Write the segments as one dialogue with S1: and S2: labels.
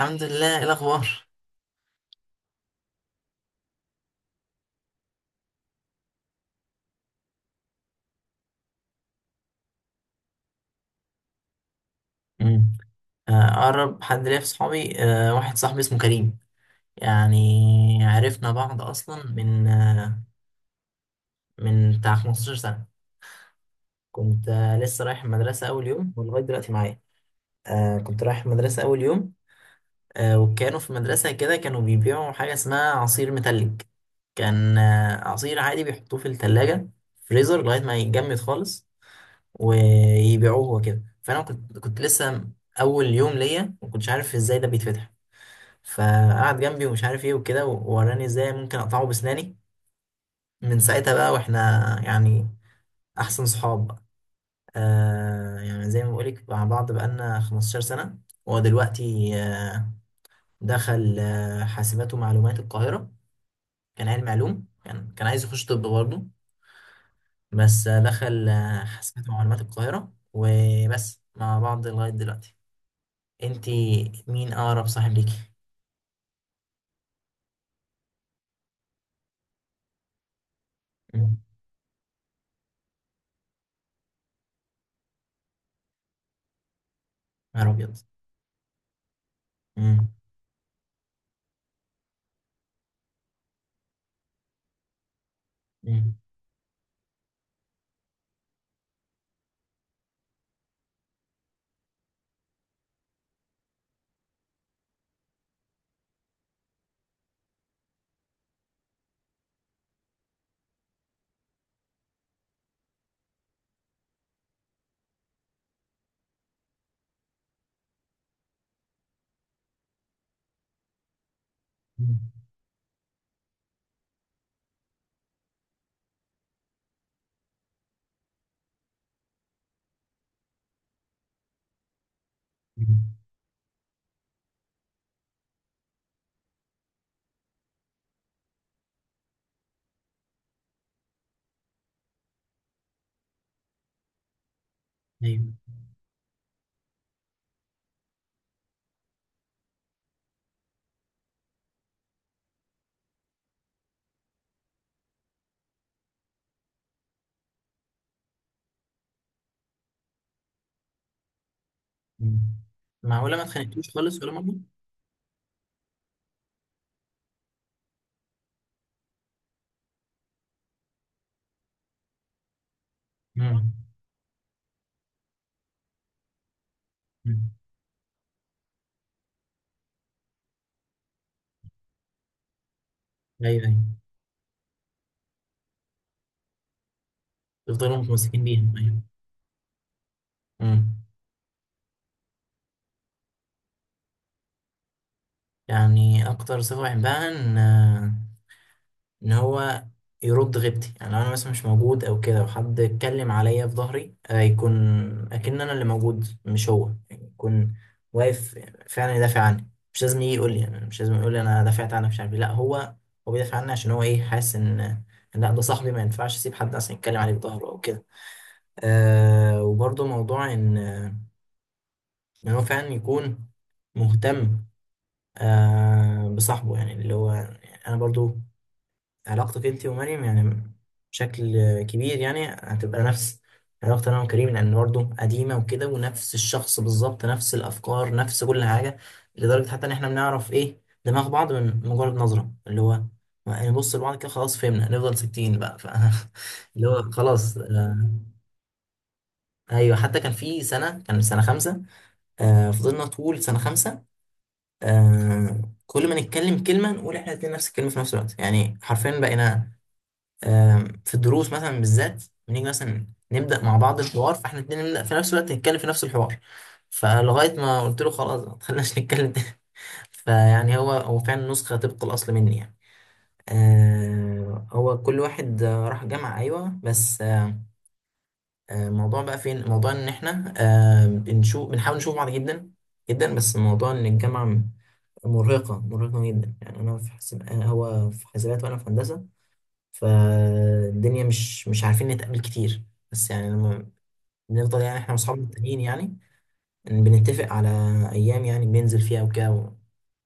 S1: الحمد لله، ايه الاخبار؟ مم. اقرب حد ليا في صحابي، واحد صاحبي اسمه كريم. يعني عرفنا بعض اصلا من بتاع 15 سنه. كنت لسه رايح المدرسه اول يوم ولغايه دلوقتي معايا. كنت رايح المدرسه اول يوم. وكانوا في المدرسه كده كانوا بيبيعوا حاجه اسمها عصير متلج. كان عصير عادي بيحطوه في التلاجة فريزر لغاية ما يتجمد خالص ويبيعوه وكده. فانا كنت لسه اول يوم ليا، ما كنتش عارف ازاي ده بيتفتح، فقعد جنبي ومش عارف ايه وكده ووراني ازاي ممكن اقطعه بسناني. من ساعتها بقى واحنا يعني احسن صحاب بقى. يعني زي ما بقولك مع بعض بقالنا 15 سنة. هو دلوقتي دخل حاسبات ومعلومات القاهرة. كان علم علوم كان عايز يخش طب برضه، بس دخل حاسبات ومعلومات القاهرة، وبس مع بعض لغاية دلوقتي. انت، مين اقرب صاحب ليكي؟ مم. يا نهار ابيض! مم. مم. مم. مم. ايوه. مم. معقوله ما اتخانقتوش خالص ولا مره؟ مم. مم. ايوه، ايوه، تفضلوا متمسكين بيها. ايوه. مم. يعني اكتر صفه بحبها ان هو يرد غيبتي. يعني لو انا مثلا مش موجود او كده وحد اتكلم عليا في ظهري، يكون اكن انا اللي موجود مش هو، يعني يكون واقف فعلا يدافع عني. مش لازم يجي يقول لي، يعني مش لازم يقول لي انا دافعت عنك مش عارف إيه. لا، هو بيدافع عني عشان هو ايه، حاسس إن لا، ده صاحبي ما ينفعش اسيب حد اصلا يتكلم عليه في ظهره او كده. وبرضه موضوع ان هو فعلا يكون مهتم بصاحبه، يعني اللي هو يعني انا برضو. علاقتك انت ومريم يعني بشكل كبير يعني هتبقى نفس علاقتي انا وكريم، لان برضه قديمه وكده ونفس الشخص بالظبط، نفس الافكار، نفس كل حاجه. لدرجه حتى ان احنا بنعرف ايه دماغ بعض من مجرد نظره، اللي هو يعني نبص لبعض كده خلاص فهمنا، نفضل 60 بقى. اللي هو خلاص، ايوه. حتى كان سنه خمسه. فضلنا طول سنه خمسه. كل ما نتكلم كلمه نقول احنا الاتنين نفس الكلمه في نفس الوقت، يعني حرفيا بقينا. في الدروس مثلا بالذات بنيجي مثلا نبدا مع بعض الحوار، فاحنا الاتنين نبدا في نفس الوقت نتكلم في نفس الحوار. فلغايه ما قلت له خلاص ما تخليناش نتكلم تاني. فيعني هو فعلا نسخه طبق الاصل مني يعني. هو كل واحد راح جامعه، ايوه، بس الموضوع بقى فين، الموضوع ان احنا بنحاول نشوف بعض جدا جدا. بس الموضوع ان الجامعه مرهقه مرهقه جدا، يعني انا في حسب هو في حسابات وانا في هندسه. فالدنيا مش عارفين نتقابل كتير. بس يعني لما بنفضل، يعني احنا واصحابنا التانيين يعني إن بنتفق على ايام يعني بننزل فيها وكده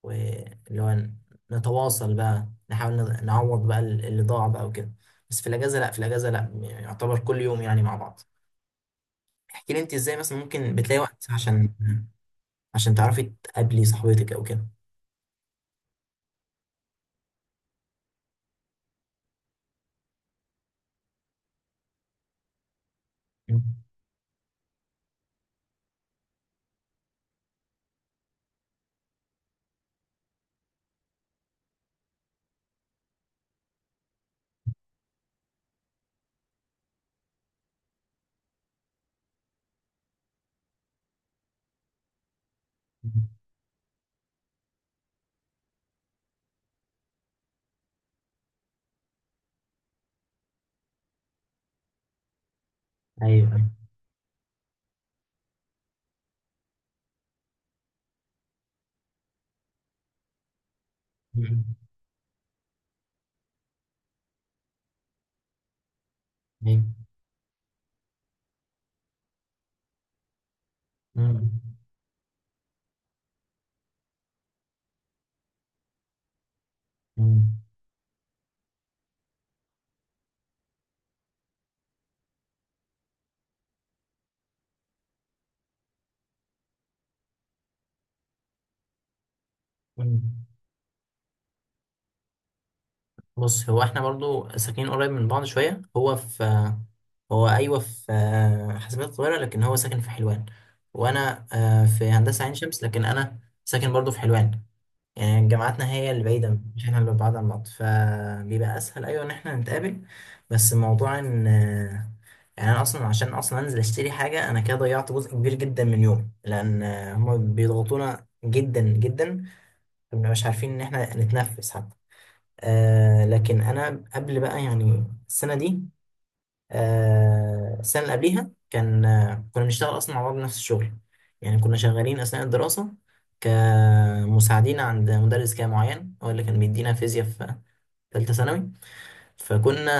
S1: واللي هو نتواصل بقى، نحاول نعوض بقى اللي ضاع بقى وكده. بس في الاجازه لا، في الاجازه لا، يعتبر كل يوم يعني مع بعض. احكي لي انت ازاي مثلا ممكن بتلاقي وقت عشان تعرفي تقابلي صاحبتك او كده. مم. ايوه، ايوه. مم. ايوه. مم. مم. مم. بص، هو احنا برضو ساكنين قريب من بعض شوية، هو أيوة في حاسبات القاهرة لكن هو ساكن في حلوان. وأنا في هندسة عين شمس، لكن أنا ساكن برضو في حلوان. يعني جامعاتنا هي اللي بعيدة مش احنا اللي بعاد عن بعض، فبيبقى أسهل أيوة إن احنا نتقابل. بس موضوع إن يعني أنا أصلا عشان أصلا أنزل أشتري حاجة أنا كده ضيعت جزء كبير جدا من يومي، لأن هما بيضغطونا جدا جدا، مبنبقاش عارفين إن احنا نتنفس حتى. لكن انا قبل بقى يعني السنه دي، السنه اللي قبليها كان آه كنا بنشتغل اصلا مع بعض نفس الشغل. يعني كنا شغالين اثناء الدراسه كمساعدين عند مدرس كده معين، هو اللي كان بيدينا فيزياء في ثالثه ثانوي. فكنا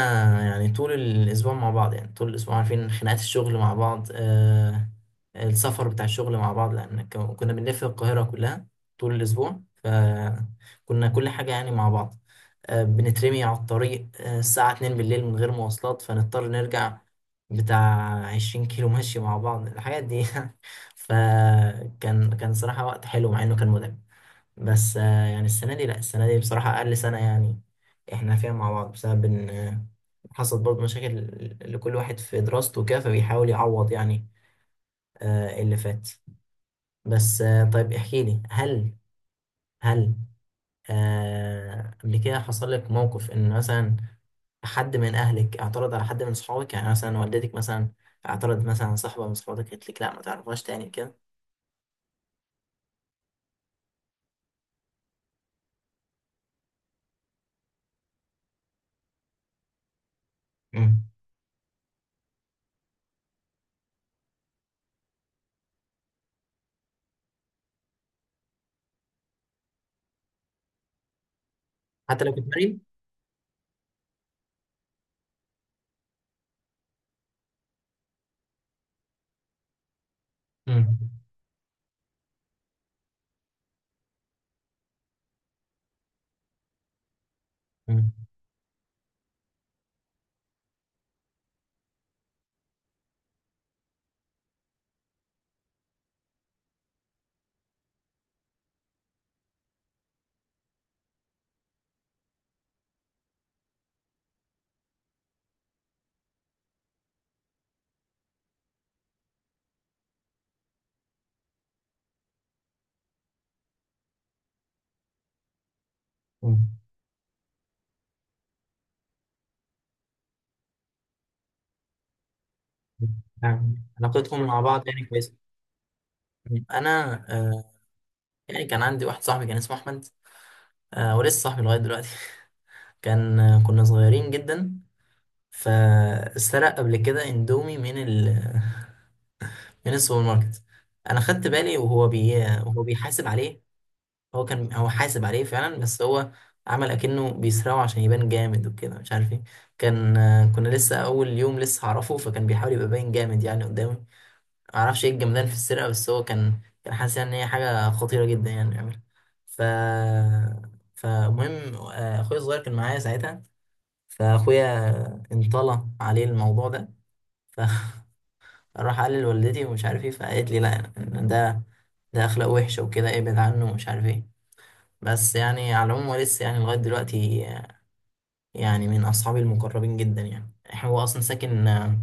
S1: يعني طول الأسبوع مع بعض، يعني طول الأسبوع عارفين خناقات الشغل مع بعض، السفر بتاع الشغل مع بعض، لأن كنا بنلف القاهرة كلها طول الأسبوع، فكنا كل حاجة يعني مع بعض. بنترمي على الطريق، الساعة 2 بالليل من غير مواصلات، فنضطر نرجع بتاع 20 كيلو مشي مع بعض، الحاجات دي. فكان صراحة وقت حلو مع إنه كان متعب. بس يعني السنة دي، لا، السنة دي بصراحة أقل سنة يعني إحنا فيها مع بعض، بسبب إن حصلت برضه مشاكل لكل واحد في دراسته وكده، فبيحاول يعوض يعني اللي فات. بس طيب احكي لي، هل قبل كده حصل لك موقف إن مثلا حد من أهلك اعترض على حد من صحابك، يعني مثلا والدتك مثلا اعترضت مثلا على صاحبة من صحابك، قالت لك لا ما تعرفهاش تاني كده؟ مم. حتى لو كنت مريض. مم. مم. مم. يعني علاقتكم مع بعض يعني كويسة؟ انا يعني كان عندي واحد صاحبي كان اسمه احمد، ولسه صاحبي لغايه دلوقتي. كان آه، كنا صغيرين جدا، فسرق قبل كده اندومي من ال من السوبر ماركت. انا خدت بالي، وهو بيحاسب عليه. هو حاسب عليه فعلا، بس هو عمل اكنه بيسرقه عشان يبان جامد وكده، مش عارف ايه. كان آه، كنا لسه اول يوم لسه هعرفه، فكان بيحاول يبقى باين جامد يعني قدامي. معرفش ايه الجمدان في السرقة، بس هو كان حاسس يعني ان هي حاجة خطيرة جدا يعني يعملها. ف فمهم، اخويا الصغير كان معايا ساعتها، فاخويا انطلى عليه الموضوع ده، فراح قال لوالدتي ومش عارف ايه، فقالت لي لا، ده اخلاق وحشة وكده، ابعد عنه ومش عارف ايه. بس يعني على العموم هو لسه يعني لغاية دلوقتي يعني من اصحابي المقربين جدا، يعني هو اصلا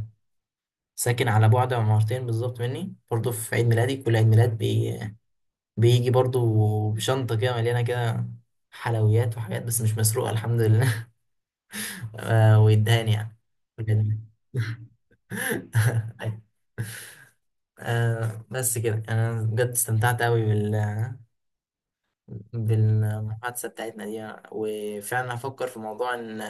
S1: ساكن على بعد عمارتين بالظبط مني. برضه في عيد ميلادي كل عيد ميلاد بيجي برضو بشنطة كده مليانة كده حلويات وحاجات، بس مش مسروقة، الحمد لله. ويدهاني يعني بجد. بس كده أنا بجد استمتعت أوي بالمحادثة بتاعتنا دي، وفعلا هفكر في موضوع إن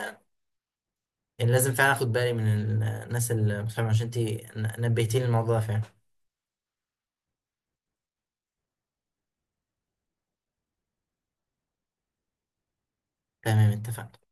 S1: إن لازم فعلا أخد بالي من الناس اللي مش فاهمة، عشان أنت نبهتيني الموضوع ده فعلا. تمام، اتفقنا.